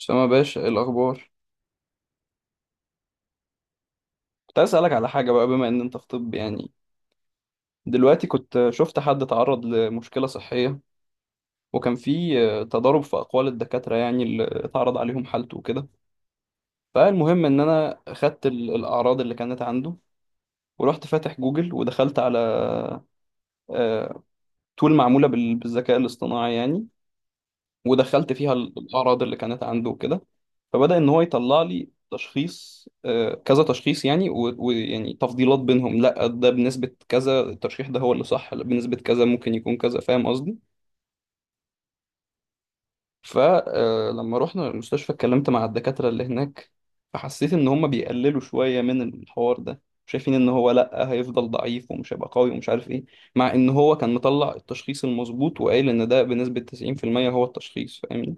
أسامة يا باشا إيه الأخبار؟ كنت عايز أسألك على حاجة بقى بما إن أنت في طب، يعني دلوقتي كنت شفت حد تعرض لمشكلة صحية، وكان في تضارب في أقوال الدكاترة يعني اللي اتعرض عليهم حالته وكده. فالمهم إن أنا خدت الأعراض اللي كانت عنده، ورحت فاتح جوجل ودخلت على آه، تول معمولة بالذكاء الاصطناعي يعني، ودخلت فيها الأعراض اللي كانت عنده وكده. فبدأ إن هو يطلع لي تشخيص، كذا تشخيص يعني ويعني تفضيلات بينهم، لا ده بنسبة كذا الترشيح ده هو اللي صح، لا، بنسبة كذا ممكن يكون كذا، فاهم قصدي؟ فلما رحنا المستشفى اتكلمت مع الدكاترة اللي هناك، فحسيت إن هما بيقللوا شوية من الحوار ده، شايفين إن هو لأ هيفضل ضعيف ومش هيبقى قوي ومش عارف إيه، مع إن هو كان مطلع التشخيص المظبوط وقايل إن ده بنسبة 90% هو التشخيص، فاهمني؟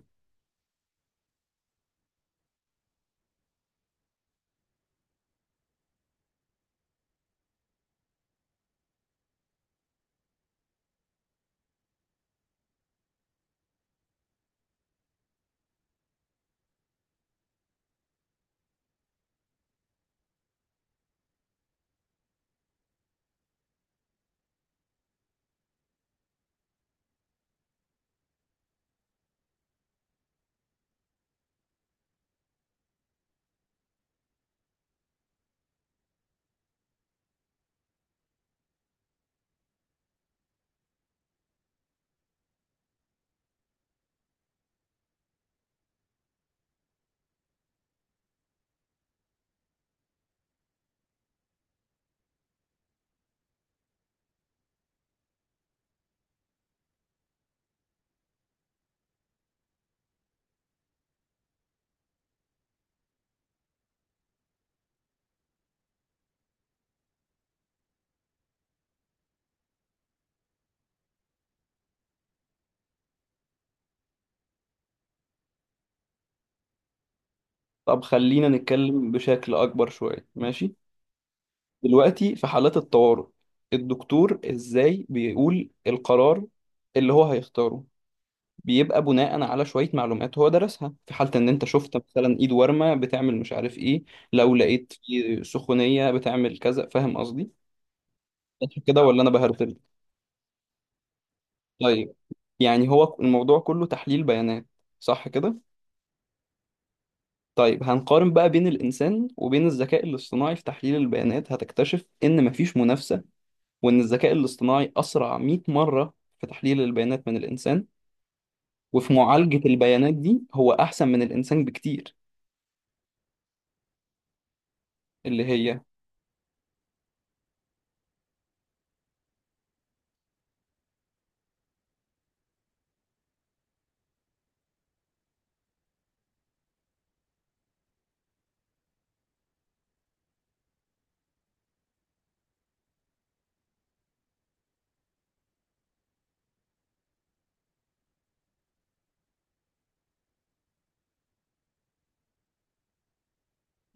طب خلينا نتكلم بشكل أكبر شوية، ماشي؟ دلوقتي في حالات الطوارئ الدكتور إزاي بيقول القرار اللي هو هيختاره؟ بيبقى بناء على شوية معلومات هو درسها، في حالة إن أنت شفت مثلا إيد ورمة بتعمل مش عارف إيه، لو لقيت في سخونية بتعمل كذا، فاهم قصدي؟ صح كده ولا أنا بهرتل؟ طيب، يعني هو الموضوع كله تحليل بيانات، صح كده؟ طيب هنقارن بقى بين الإنسان وبين الذكاء الاصطناعي في تحليل البيانات، هتكتشف إن مفيش منافسة، وإن الذكاء الاصطناعي أسرع 100 مرة في تحليل البيانات من الإنسان، وفي معالجة البيانات دي هو أحسن من الإنسان بكتير. اللي هي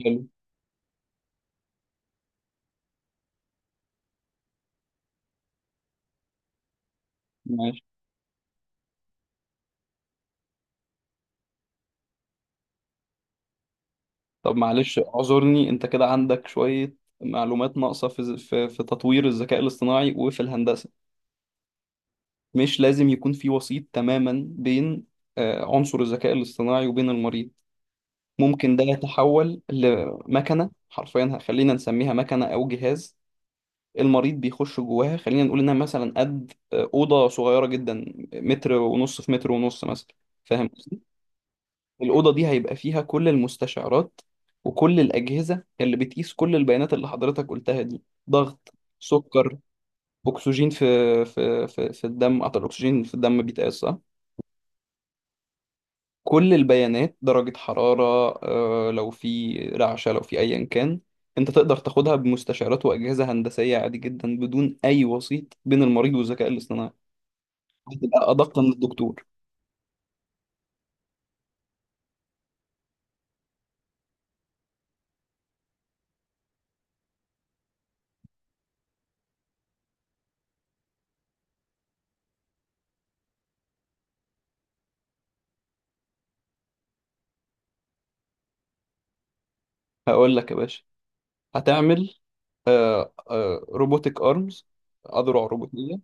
حلو ماشي. طب معلش اعذرني، أنت كده عندك شوية معلومات ناقصة في في تطوير الذكاء الاصطناعي وفي الهندسة. مش لازم يكون في وسيط تماما بين عنصر الذكاء الاصطناعي وبين المريض. ممكن ده يتحول لمكنة، حرفيا خلينا نسميها مكنة أو جهاز، المريض بيخش جواها، خلينا نقول انها مثلا قد اوضه صغيره جدا، متر ونص في متر ونص مثلا، فاهم قصدي؟ الاوضه دي هيبقى فيها كل المستشعرات وكل الاجهزه اللي بتقيس كل البيانات اللي حضرتك قلتها دي، ضغط، سكر، اكسجين في الدم، اعتقد الاكسجين في الدم بيتقاس صح. كل البيانات، درجه حراره، لو في رعشه، لو في ايا كان، انت تقدر تاخدها بمستشعرات واجهزه هندسيه عادي جدا بدون اي وسيط بين المريض والذكاء الاصطناعي. هتبقى أدق من الدكتور. هقول لك يا باشا، هتعمل روبوتك أرمز، أذرع روبوتية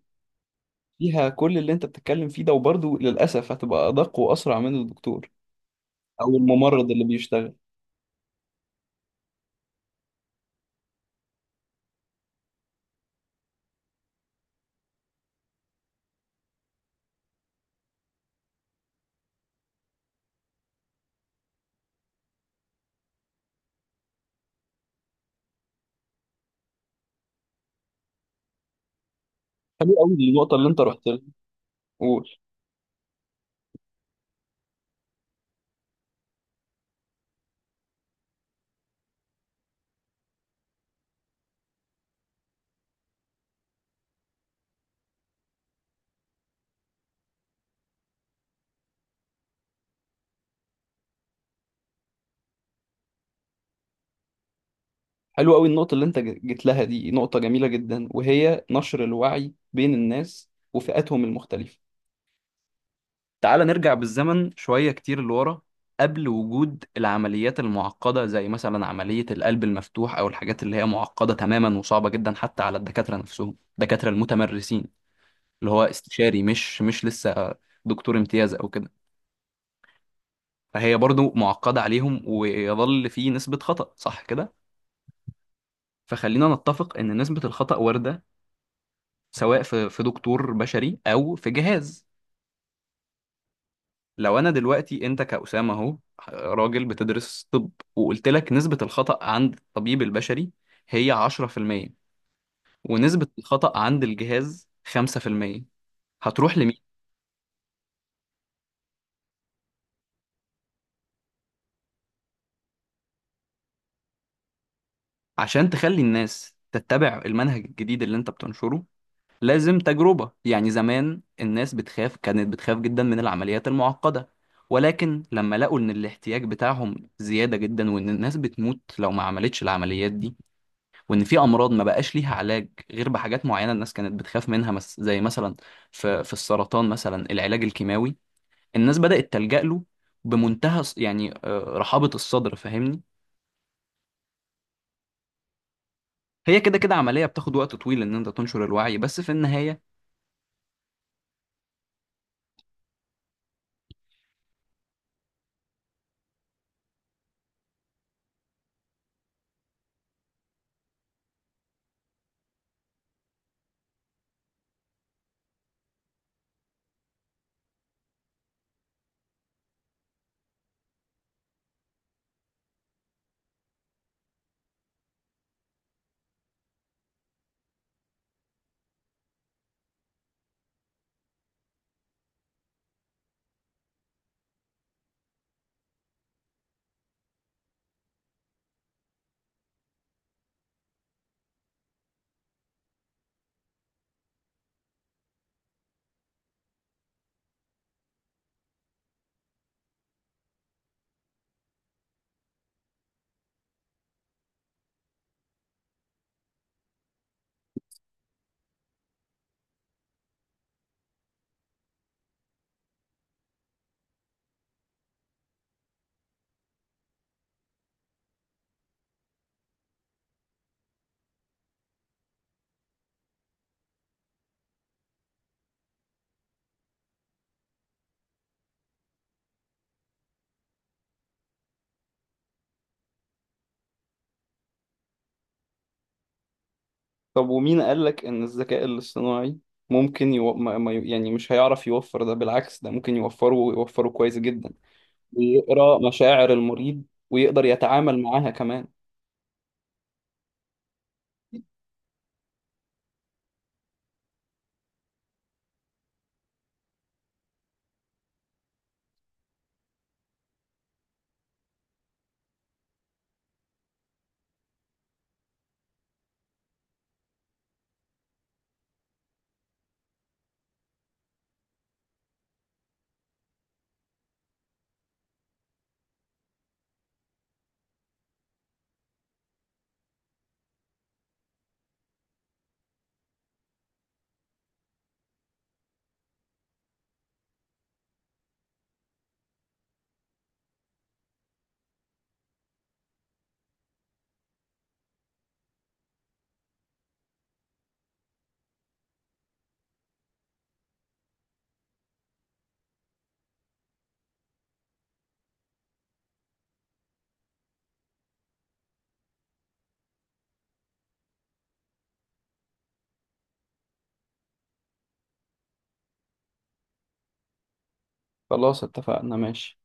فيها كل اللي أنت بتتكلم فيه ده، وبرضه للأسف هتبقى أدق وأسرع من الدكتور أو الممرض اللي بيشتغل. حلو قوي النقطة اللي أنت رحت لها، قول. حلو قوي النقطة اللي أنت جيت لها، دي نقطة جميلة جدا، وهي نشر الوعي بين الناس وفئاتهم المختلفة. تعال نرجع بالزمن شوية كتير لورا، قبل وجود العمليات المعقدة زي مثلا عملية القلب المفتوح، أو الحاجات اللي هي معقدة تماما وصعبة جدا حتى على الدكاترة نفسهم، الدكاترة المتمرسين، اللي هو استشاري مش لسه دكتور امتياز أو كده، فهي برضو معقدة عليهم، ويظل في نسبة خطأ، صح كده؟ فخلينا نتفق إن نسبة الخطأ واردة، سواء في دكتور بشري أو في جهاز. لو انا دلوقتي انت كأسامة اهو، راجل بتدرس طب، وقلت لك نسبة الخطأ عند الطبيب البشري هي 10%، ونسبة الخطأ عند الجهاز 5%، هتروح لمين؟ عشان تخلي الناس تتبع المنهج الجديد اللي انت بتنشره لازم تجربة، يعني زمان الناس بتخاف، كانت بتخاف جدا من العمليات المعقدة، ولكن لما لقوا ان الاحتياج بتاعهم زيادة جدا وان الناس بتموت لو ما عملتش العمليات دي، وان في امراض ما بقاش ليها علاج غير بحاجات معينه الناس كانت بتخاف منها، مس زي مثلا في في السرطان مثلا العلاج الكيماوي، الناس بدات تلجا له بمنتهى يعني رحابه الصدر، فاهمني؟ هي كده كده عمليه بتاخد وقت طويل ان انت تنشر الوعي، بس في النهايه. طب ومين قالك إن الذكاء الاصطناعي ممكن يو... ما... ما... يو- يعني مش هيعرف يوفر ده؟ بالعكس، ده ممكن يوفره ويوفره كويس جدا، ويقرأ مشاعر المريض ويقدر يتعامل معاها كمان. خلاص اتفقنا، ماشي.